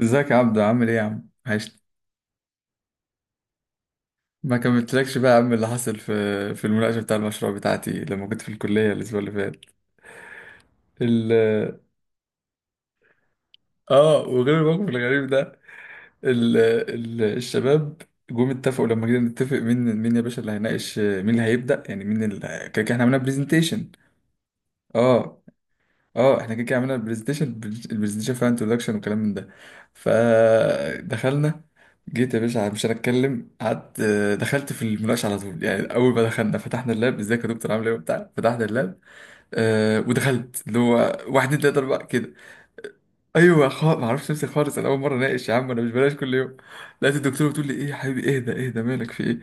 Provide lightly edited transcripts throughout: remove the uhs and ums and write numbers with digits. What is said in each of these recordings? ازيك يا عبدو، عامل ايه يا عم؟ عشت. ما كملتلكش بقى يا عم اللي حصل في المناقشه بتاع المشروع بتاعتي لما كنت في الكليه الاسبوع اللي فات. ال اه وغير الموقف الغريب ده، الشباب جم، اتفقوا لما جينا نتفق مين مين يا باشا اللي هيناقش، مين اللي هيبدا، يعني مين اللي كده كده احنا عملنا برزنتيشن. اه اه احنا كده كده عملنا البرزنتيشن فيها انتروداكشن وكلام من ده، فدخلنا. جيت يا باشا مش هنتكلم، قعدت، دخلت في المناقشه على طول. يعني اول ما دخلنا فتحنا اللاب، ازيك يا دكتور عامل ايه وبتاع، فتحنا اللاب. ودخلت اللي هو واحد اتنين تلاته اربعه كده. ايوه خالص، ما اعرفش نفسي خالص، انا اول مره اناقش يا عم، انا مش بلاش كل يوم. لقيت الدكتوره بتقول لي ايه يا حبيبي، اهدى اهدى، مالك، في ايه؟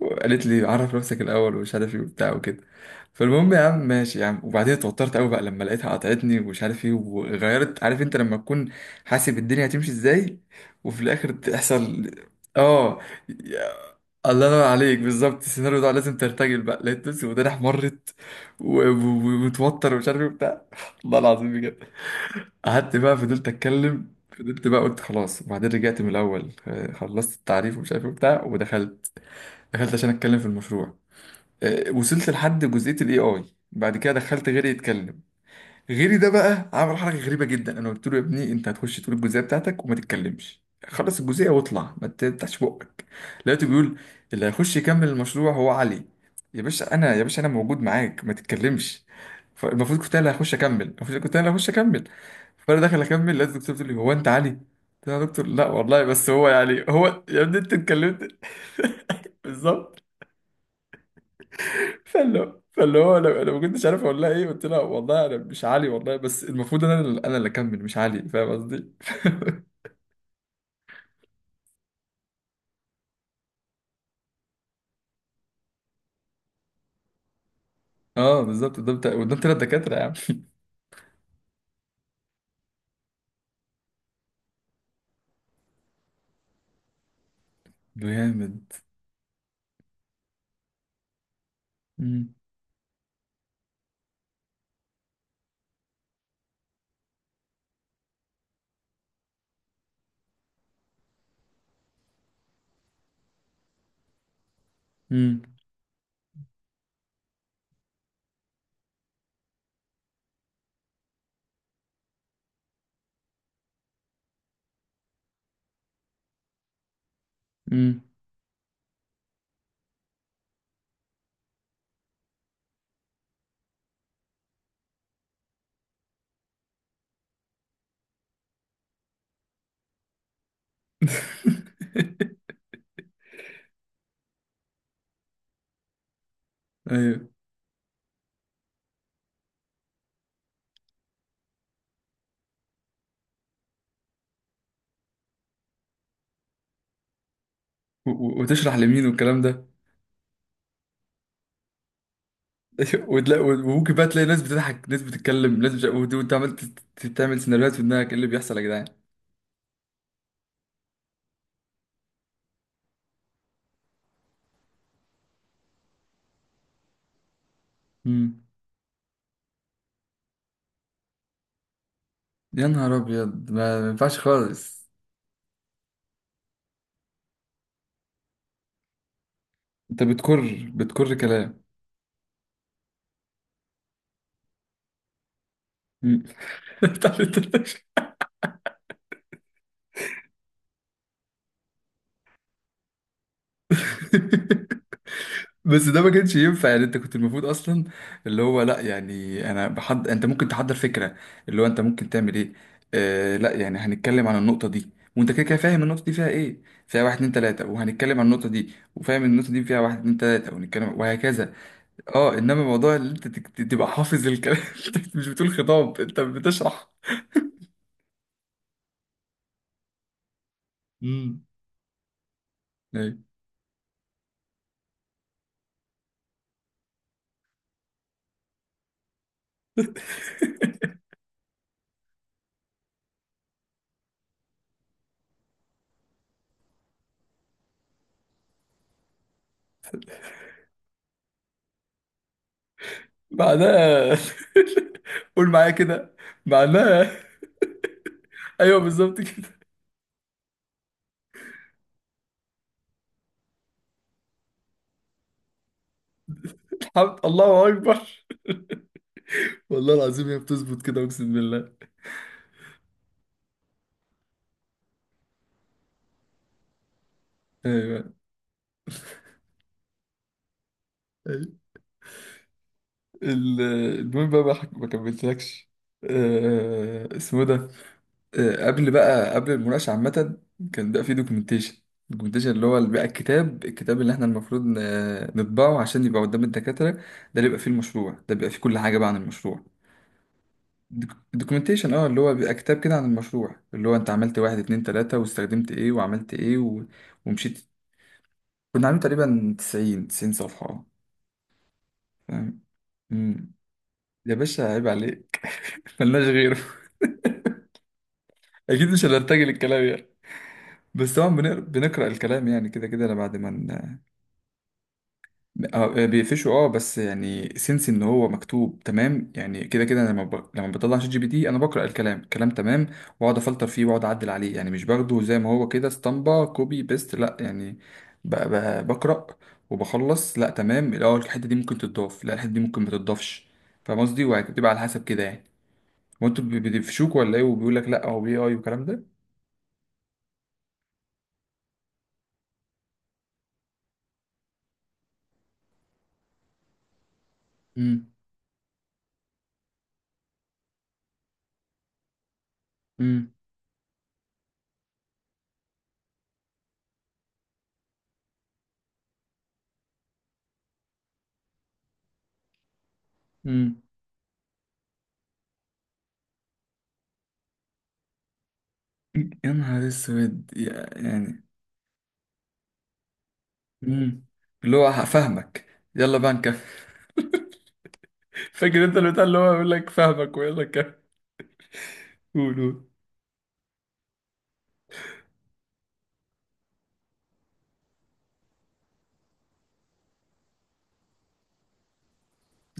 وقالت لي عرف نفسك الاول ومش عارف ايه وبتاع وكده. فالمهم يا عم ماشي يا عم، وبعدين اتوترت قوي بقى لما لقيتها قطعتني ومش عارف ايه وغيرت، عارف انت لما تكون حاسب الدنيا هتمشي ازاي وفي الاخر تحصل؟ اه، الله ينور عليك، بالظبط. السيناريو ده لازم ترتجل بقى، لقيت نفسي وداني احمرت ومتوتر ومش عارف ايه وبتاع. والله العظيم بجد. قعدت بقى، فضلت اتكلم، فضلت بقى، قلت خلاص، وبعدين رجعت من الاول. خلصت التعريف ومش عارف إيه وبتاع، ودخلت، دخلت عشان اتكلم في المشروع. وصلت لحد جزئيه الاي اي. بعد كده دخلت غيري يتكلم. غيري ده بقى عمل حركه غريبه جدا، انا قلت له يا ابني انت هتخش تقول الجزئيه بتاعتك وما تتكلمش، خلص الجزئيه واطلع ما تفتحش بقك. لقيته بيقول اللي هيخش يكمل المشروع هو علي. يا باشا انا، يا باشا انا موجود معاك، ما تتكلمش. فالمفروض كنت انا اللي هخش اكمل، المفروض كنت انا اللي هخش اكمل. فانا داخل اكمل، لقيت الدكتور بتقول لي هو انت علي؟ قلت له يا دكتور لا والله، بس هو يعني هو، يا ابني انت اتكلمت. بالظبط. فاللي هو انا ما كنتش عارف اقول لها ايه، قلت لها والله انا مش علي، والله بس المفروض انا اللي اكمل مش علي. فاهم قصدي؟ اه بالظبط، قدام قدام تلات دكاتره يا عم. جامد. مم. مم. مم. ايوه. وتشرح لمين والكلام ده. وتلاقي، وممكن بقى تلاقي ناس بتضحك، ناس بتتكلم، ناس وانت عمال تعمل سيناريوهات في دماغك ايه اللي بيحصل يا جدعان. مم. يا نهار ابيض، ما ينفعش خالص. انت بتكر كلام. مم. بس ده ما كانش ينفع يعني، انت كنت المفروض اصلا اللي هو، لا يعني انا بحض، انت ممكن تحضر فكره اللي هو انت ممكن تعمل ايه. آه لا يعني هنتكلم عن النقطه دي، وانت كده كده فاهم النقطه دي فيها ايه، فيها واحد اتنين تلاته، وهنتكلم عن النقطه دي وفاهم النقطه دي فيها واحد اتنين تلاته ونتكلم، وهكذا. اه انما موضوع اللي انت تبقى حافظ الكلام. انت مش بتقول خطاب، انت بتشرح. امم، ايوه. بعدها قول معايا كده. معناها ايوه بالظبط كده. حمد الله اكبر، والله العظيم هي بتظبط كده، اقسم بالله. ايوه، أيوة. ال- المهم بقى ما كملتلكش. اسمه ده. قبل بقى قبل المناقشه عامه كان بقى في دوكيومنتيشن. الدوكيومنتيشن اللي هو اللي بقى الكتاب، الكتاب اللي احنا المفروض نطبعه عشان يبقى قدام الدكاتره ده، اللي بيبقى فيه المشروع ده، بيبقى فيه كل حاجه بقى عن المشروع. الدوكيومنتيشن، اه، اللي هو بيبقى كتاب كده عن المشروع، اللي هو انت عملت واحد اتنين تلاته، واستخدمت ايه وعملت ايه و... ومشيت. كنا عاملين تقريبا 90 صفحة، اه، فاهم. امم. يا باشا عيب عليك، ملناش غيره. أكيد مش هنرتجل الكلام يعني، بس طبعا بنقرأ الكلام، يعني كده كده أنا بعد ما... بيقفشوا، اه، بس يعني سنس ان هو مكتوب تمام يعني. كده كده أنا لما لما بطلع شات جي بي تي انا بقرا الكلام، الكلام تمام، واقعد افلتر فيه واقعد اعدل عليه، يعني مش باخده زي ما هو كده اسطمبه كوبي بيست، لا يعني. بقرا وبخلص، لا تمام الاول، الحته دي ممكن تتضاف، لا الحته دي ممكن ما تتضافش. فاهم قصدي؟ وبتبقى على حسب كده يعني. وانتوا بيقفشوك ولا ايه، وبيقول لك لا هو بي اي والكلام ده. امم، امم، امم. يا نهار اسود يعني. مم. اللي هو فاهمك. يلا بقى نكفي. فاكر انت البتاع اللي هو يقول لك فاهمك ويلا نكفي؟ قول قول.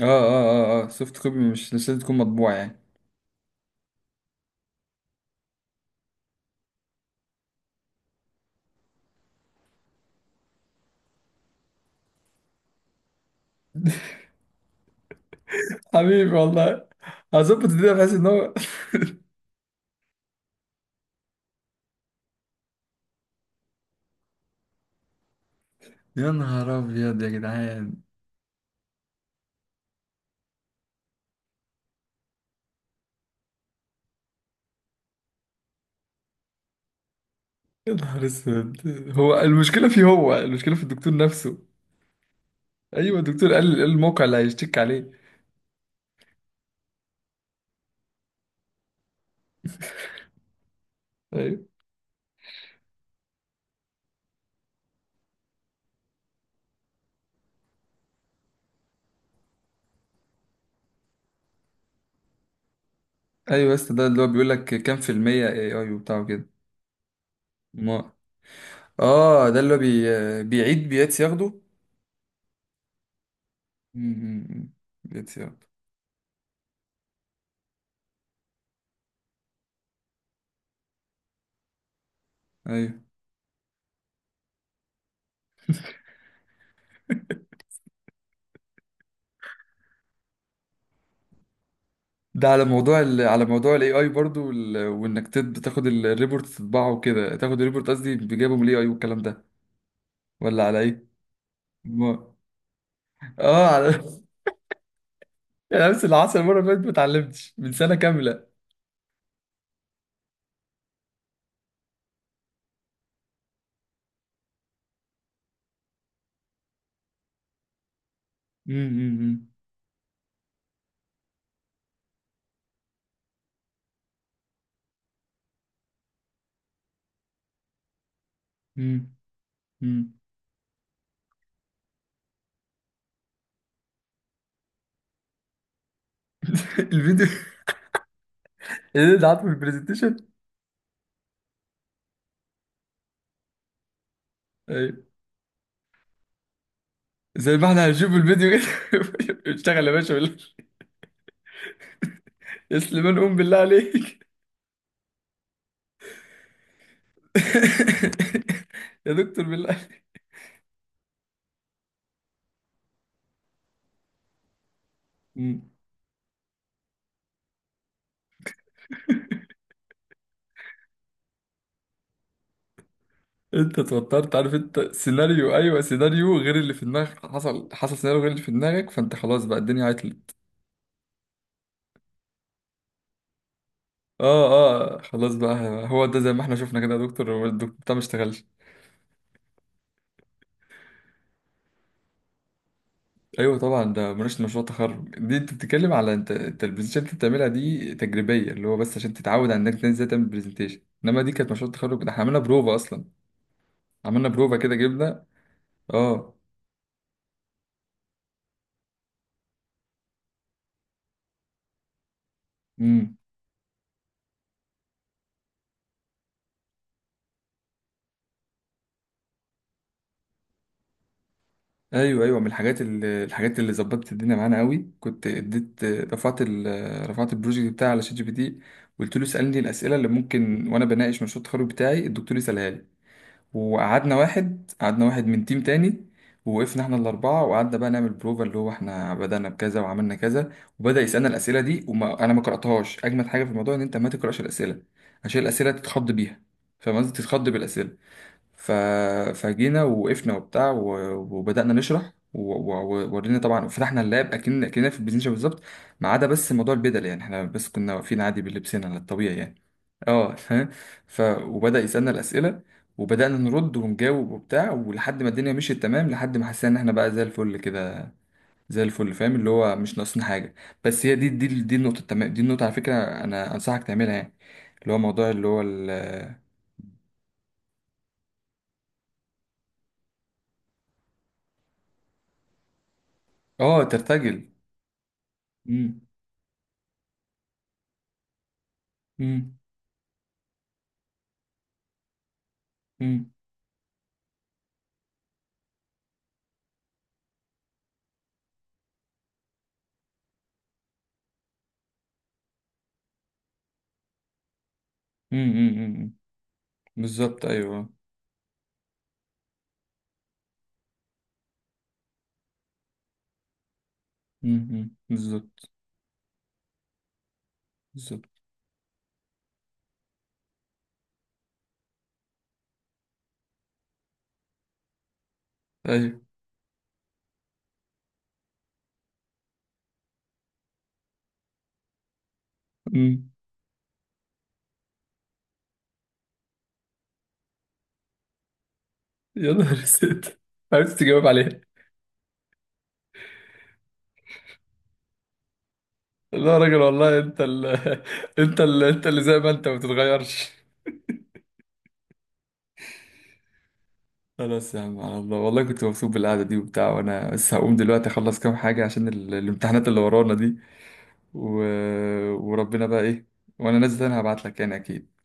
اه اه اه سوفت كوبي، مش لازم تكون مطبوعة يعني. حبيبي والله، هظبط الدنيا بحيث ان هو... يا نهار ابيض يا جدعان. يا نهار اسود، هو المشكلة فيه، هو المشكلة في الدكتور نفسه. ايوه الدكتور قال، قال الموقع اللي هيشتكي عليه. ايوه ايوه. بس ده اللي هو بيقول لك كام في المية اي اي وبتاع وكده. ما اه، ده اللي هو بيعيد بيات ياخده. امم، اتساب. ايوه ده على موضوع ال... على موضوع الاي اي برضو، وال... وانك تاخد الريبورت تطبعه وكده، تاخد الريبورت قصدي بجابه من الاي اي والكلام ده، ولا على ايه؟ ما... اه على. انا نفس اللي حصل المره اللي فاتت، ما اتعلمتش من سنه كامله. امم، امم، امم. الفيديو اللي ده عارفه في البرزنتيشن. ايوه، زي ما احنا هنشوف الفيديو كده. اشتغل يا باشا بالله، يا سليمان قوم بالله عليك. يا دكتور بالله. انت اتوترت، عارف انت سيناريو، ايوه سيناريو غير اللي في دماغك، حصل، حصل سيناريو غير اللي في دماغك، فانت خلاص بقى الدنيا عطلت. اه، اه خلاص بقى. هو ده زي ما احنا شفنا كده يا دكتور، هو الدكتور بتاع ما اشتغلش. ايوه طبعا، ده مناقشه مشروع تخرج دي، انت بتتكلم على انت، انت البرزنتيشن اللي انت بتعملها دي تجريبيه اللي هو بس عشان تتعود على انك تنزل ازاي تعمل برزنتيشن، انما دي كانت مشروع تخرج، ده احنا عملنا بروفا اصلا. عملنا بروفا كده، جبنا. اه. امم. ايوه ايوه، من الحاجات اللي، الحاجات اللي ظبطت الدنيا معانا قوي، كنت اديت، رفعت ال... رفعت البروجكت بتاعي على شات جي بي تي. قلت له اسالني الاسئله اللي ممكن وانا بناقش مشروع التخرج بتاعي الدكتور يسالها لي. وقعدنا واحد، قعدنا واحد من تيم تاني، ووقفنا احنا الاربعه وقعدنا بقى نعمل بروفا، اللي هو احنا بدانا بكذا وعملنا كذا، وبدا يسالنا الاسئله دي، وما انا ما قراتهاش. اجمد حاجه في الموضوع ان انت ما تقراش الاسئله عشان الاسئله تتخض بيها. فاهم قصدي؟ تتخض بالاسئله. ف... فجينا وقفنا وبتاع و... وبدأنا نشرح، وورينا طبعا فتحنا اللاب اكن اكننا في البزنشة بالظبط، ما عدا بس موضوع البدل، يعني احنا بس كنا واقفين عادي بلبسنا على الطبيعي يعني. اه فاهم. ف وبدأ يسألنا الأسئلة، وبدأنا نرد ونجاوب وبتاع، ولحد ما الدنيا مشيت تمام، لحد ما حسينا ان احنا بقى زي الفل كده، زي الفل، فاهم، اللي هو مش ناقصنا حاجة. بس هي دي، دي النقطة، تمام، دي النقطة على فكرة، انا انصحك تعملها يعني، اللي هو موضوع، اللي هو ترتجل. مم. مم. مم. مم. مم. بالظبط، ايوه. مم. مم. بالظبط. بالظبط، ايوه. مم. يا نهار اسود. عرفت تجاوب عليها؟ لا يا راجل والله، انت ال... انت ال... انت اللي زي ما انت ما بتتغيرش. خلاص يا عم، على الله، والله كنت مبسوط بالقعده دي وبتاع، وانا بس هقوم دلوقتي اخلص كام حاجه عشان ال... الامتحانات اللي ورانا دي و... وربنا بقى ايه. وانا نازل انا هبعت لك يعني اكيد.